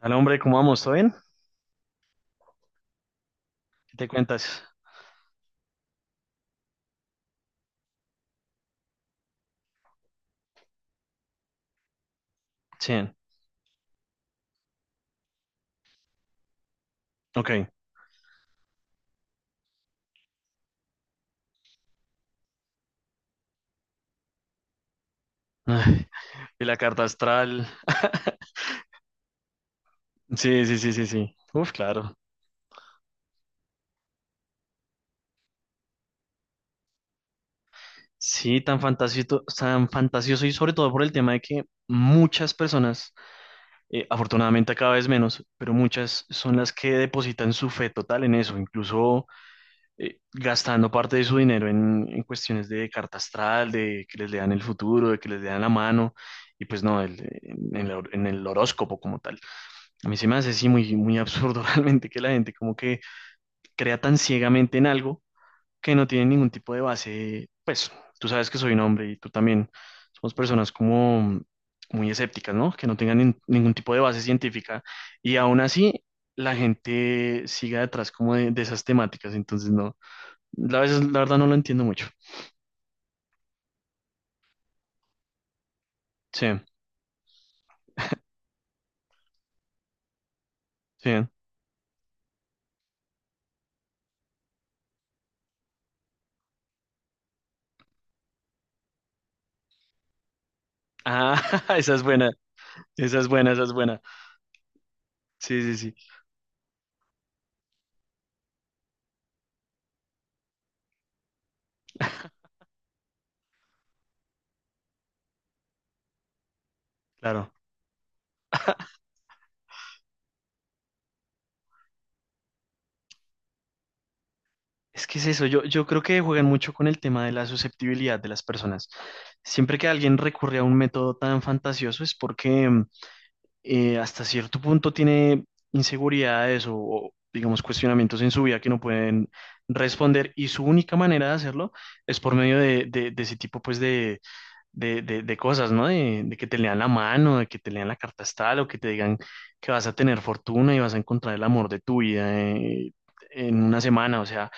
Al hombre, ¿cómo vamos? ¿Todo bien? ¿Qué te cuentas? Sí, ok. Ay, y la carta astral. Sí, sí, sí, sí, sí. Uf, claro. Sí, tan fantasioso y sobre todo por el tema de que muchas personas, afortunadamente cada vez menos, pero muchas son las que depositan su fe total en eso, incluso gastando parte de su dinero en cuestiones de carta astral, de que les lean el futuro, de que les lean la mano, y pues no, en el horóscopo como tal. A mí se me hace así muy, muy absurdo realmente que la gente como que crea tan ciegamente en algo que no tiene ningún tipo de base. Pues tú sabes que soy un hombre y tú también. Somos personas como muy escépticas, ¿no? Que no tengan ningún tipo de base científica y aún así la gente siga detrás como de esas temáticas. Entonces, no, la, veces, la verdad no lo entiendo mucho. Sí, sí. Ah, esa es buena, esa es buena, esa es buena. Sí, sí, sí, claro. Es que es eso, yo creo que juegan mucho con el tema de la susceptibilidad de las personas. Siempre que alguien recurre a un método tan fantasioso es porque hasta cierto punto tiene inseguridades o, digamos, cuestionamientos en su vida que no pueden responder y su única manera de hacerlo es por medio de, de ese tipo pues de, de cosas, ¿no? De que te lean la mano, de que te lean la carta astral o que te digan que vas a tener fortuna y vas a encontrar el amor de tu vida en una semana, o sea.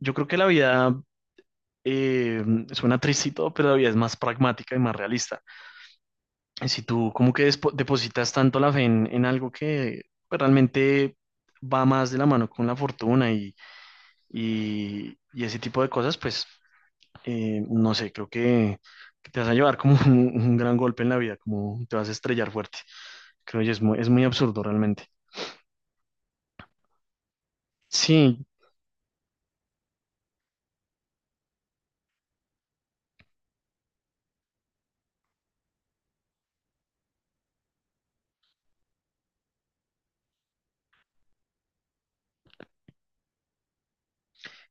Yo creo que la vida eh, suena triste y todo, pero la vida es más pragmática y más realista. Y si tú como que depositas tanto la fe en algo que pues, realmente va más de la mano con la fortuna y ese tipo de cosas, pues no sé, creo que te vas a llevar como un gran golpe en la vida, como te vas a estrellar fuerte. Creo que es muy absurdo realmente. Sí,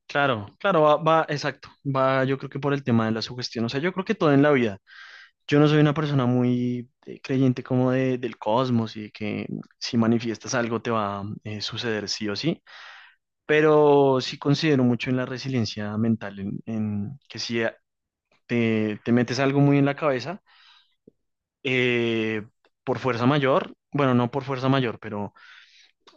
claro, claro, va, va, exacto, va yo creo que por el tema de la sugestión, o sea, yo creo que todo en la vida. Yo no soy una persona muy creyente como de, del cosmos y de que si manifiestas algo te va a suceder sí o sí, pero sí considero mucho en la resiliencia mental, en que si te, te metes algo muy en la cabeza, eh, por fuerza mayor, bueno, no por fuerza mayor, pero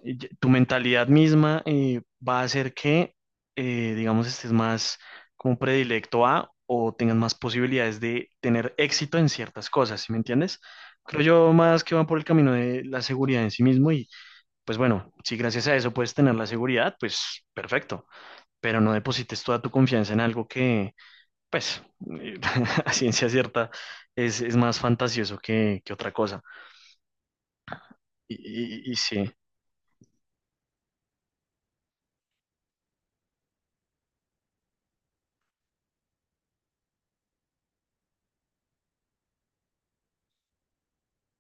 tu mentalidad misma va a hacer que, digamos, estés más como predilecto a o tengas más posibilidades de tener éxito en ciertas cosas, ¿sí me entiendes? Creo yo más que van por el camino de la seguridad en sí mismo y pues bueno, si gracias a eso puedes tener la seguridad, pues perfecto, pero no deposites toda tu confianza en algo que, pues, a ciencia cierta es más fantasioso que otra cosa. Y sí,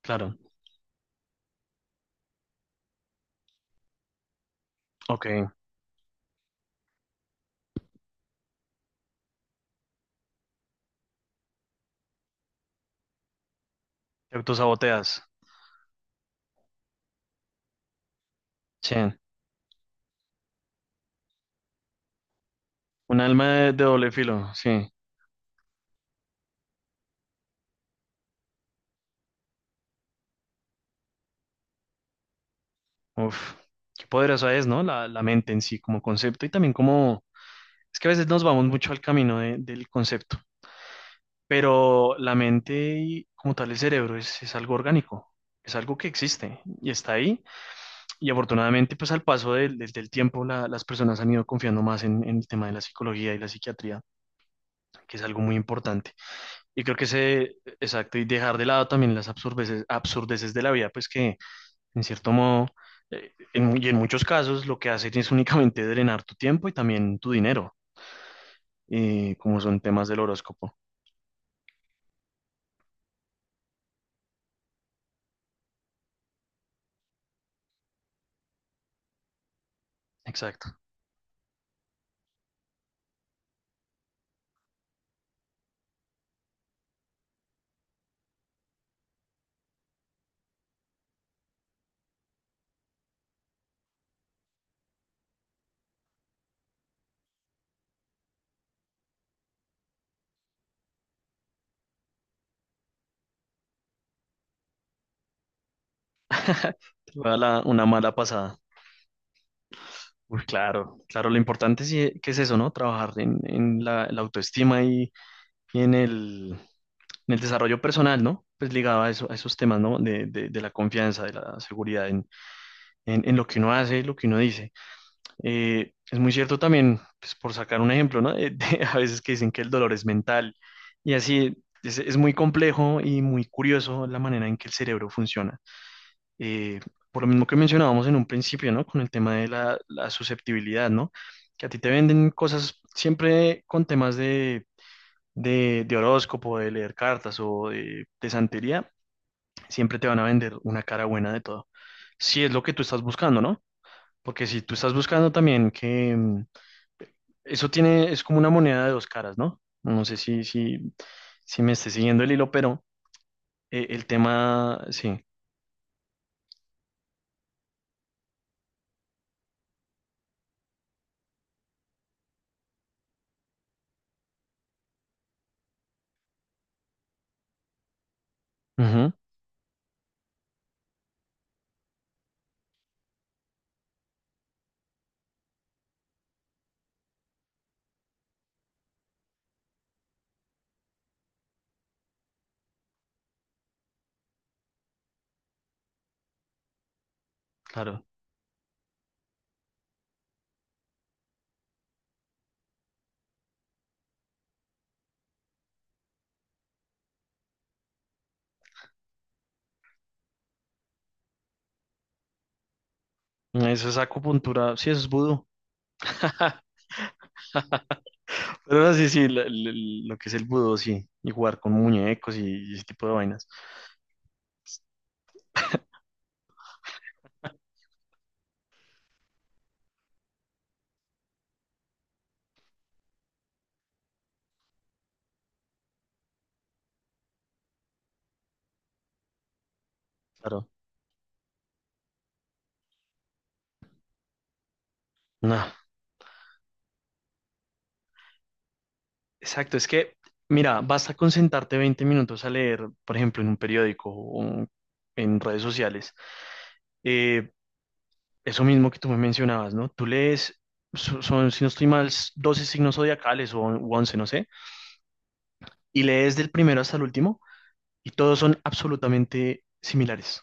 claro, ok, te autosaboteas. Sí. Un alma de doble filo, sí. Uf, qué poderosa es, ¿no? La mente en sí, como concepto y también como… Es que a veces nos vamos mucho al camino del concepto, pero la mente y como tal el cerebro es algo orgánico, es algo que existe y está ahí. Y afortunadamente, pues al paso del, del tiempo, las personas han ido confiando más en el tema de la psicología y la psiquiatría, que es algo muy importante. Y creo que ese, exacto, y dejar de lado también las absurdeces, absurdeces de la vida, pues que en cierto modo, y en muchos casos lo que hacen es únicamente drenar tu tiempo y también tu dinero, como son temas del horóscopo. Exacto. Te voy a dar una mala pasada. Uy, claro, claro, lo importante sí que es eso, ¿no? Trabajar en la, la autoestima y en el desarrollo personal, ¿no? Pues ligado a, eso, a esos temas, ¿no? De, de la confianza, de la seguridad en lo que uno hace, y lo que uno dice. Es muy cierto también, pues, por sacar un ejemplo, ¿no? De a veces que dicen que el dolor es mental y así es muy complejo y muy curioso la manera en que el cerebro funciona. Eh, por lo mismo que mencionábamos en un principio, ¿no? Con el tema de la, la susceptibilidad, ¿no? Que a ti te venden cosas siempre con temas de horóscopo, de leer cartas o de santería, siempre te van a vender una cara buena de todo. Si es lo que tú estás buscando, ¿no? Porque si tú estás buscando también que… mm, eso tiene, es como una moneda de dos caras, ¿no? No sé si, si, si me esté siguiendo el hilo, pero el tema, sí, ujú, claro. Eso es acupuntura, sí, eso es vudú. Pero no, sí, sí, lo, lo que es el vudú, sí, y jugar con muñecos y ese tipo de vainas. Claro, no, exacto, es que, mira, basta con sentarte 20 minutos a leer, por ejemplo, en un periódico o en redes sociales, eh, eso mismo que tú me mencionabas, ¿no? Tú lees, son, si no estoy mal, 12 signos zodiacales o u 11, no sé, y lees del primero hasta el último y todos son absolutamente similares.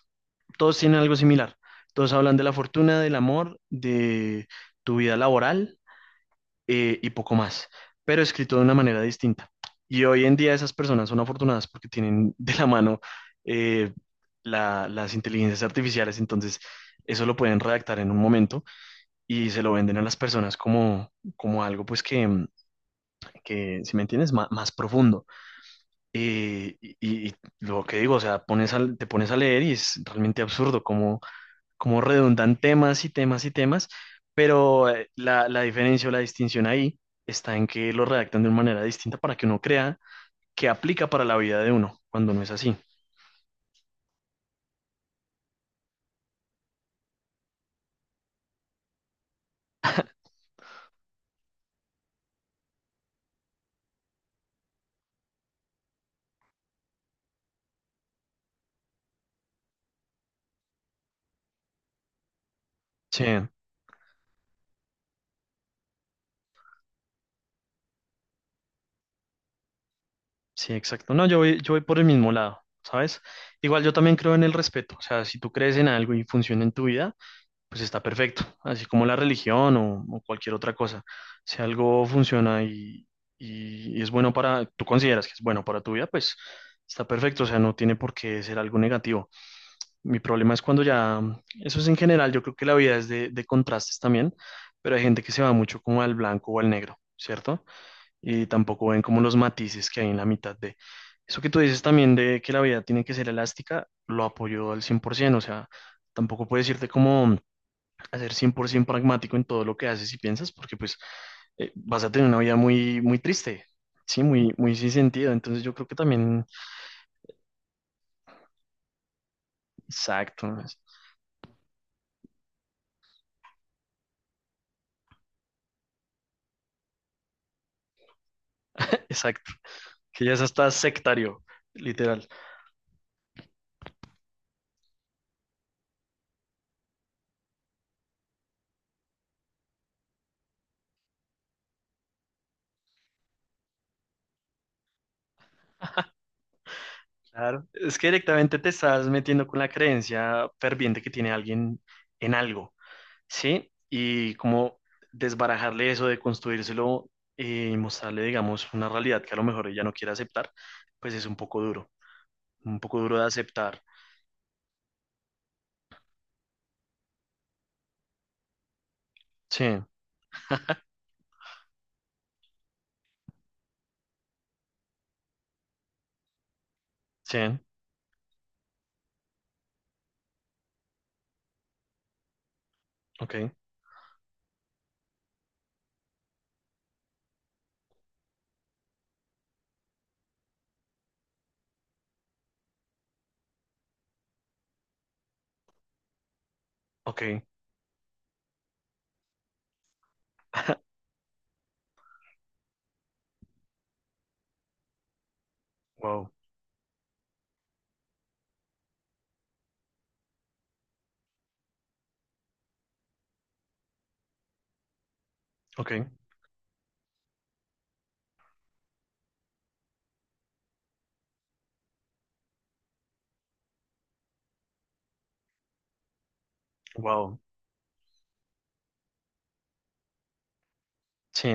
Todos tienen algo similar. Todos hablan de la fortuna, del amor, de tu vida laboral y poco más, pero escrito de una manera distinta. Y hoy en día esas personas son afortunadas porque tienen de la mano eh, las inteligencias artificiales, entonces eso lo pueden redactar en un momento y se lo venden a las personas como, como algo, pues que, mm, que, si me entiendes, más, más profundo. Y lo que digo, o sea, te pones a leer y es realmente absurdo cómo, cómo redundan temas y temas y temas, pero la, la diferencia o la distinción ahí está en que lo redactan de una manera distinta para que uno crea que aplica para la vida de uno, cuando no es así. Sí, sí, exacto. No, yo voy por el mismo lado, ¿sabes? Igual yo también creo en el respeto, o sea, si tú crees en algo y funciona en tu vida, pues está perfecto, así como la religión o cualquier otra cosa. Si algo funciona y es bueno para, tú consideras que es bueno para tu vida, pues está perfecto, o sea, no tiene por qué ser algo negativo. Mi problema es cuando ya, eso es en general, yo creo que la vida es de contrastes también, pero hay gente que se va mucho como al blanco o al negro, ¿cierto? Y tampoco ven como los matices que hay en la mitad de… Eso que tú dices también de que la vida tiene que ser elástica, lo apoyo al 100%, o sea, tampoco puedes irte como a ser 100% pragmático en todo lo que haces y piensas, porque pues vas a tener una vida muy, muy triste, sí, muy, muy sin sentido. Entonces yo creo que también, exacto, ¿no? Exacto, que ya es hasta sectario, literal. Claro. Es que directamente te estás metiendo con la creencia ferviente que tiene alguien en algo, sí, y como desbarajarle eso, de construírselo y mostrarle, digamos, una realidad que a lo mejor ella no quiere aceptar, pues es un poco duro de aceptar. Sí, sí, ok, ok, wow, ok, wow, sí,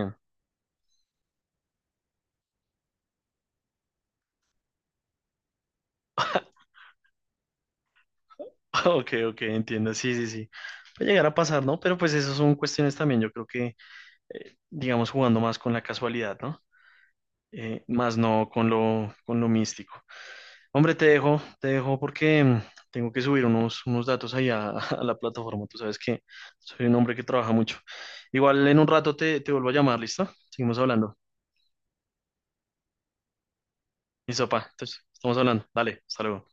ok, ok, entiendo, sí, sí, sí. Puede llegar a pasar, ¿no? Pero pues esas son cuestiones también, yo creo que, digamos, jugando más con la casualidad, ¿no? Más no con lo, con lo místico. Hombre, te dejo porque tengo que subir unos, unos datos ahí a, a la plataforma, tú sabes que soy un hombre que trabaja mucho. Igual en un rato te, te vuelvo a llamar, ¿listo? Seguimos hablando. Listo, pa, entonces, estamos hablando, dale, hasta luego.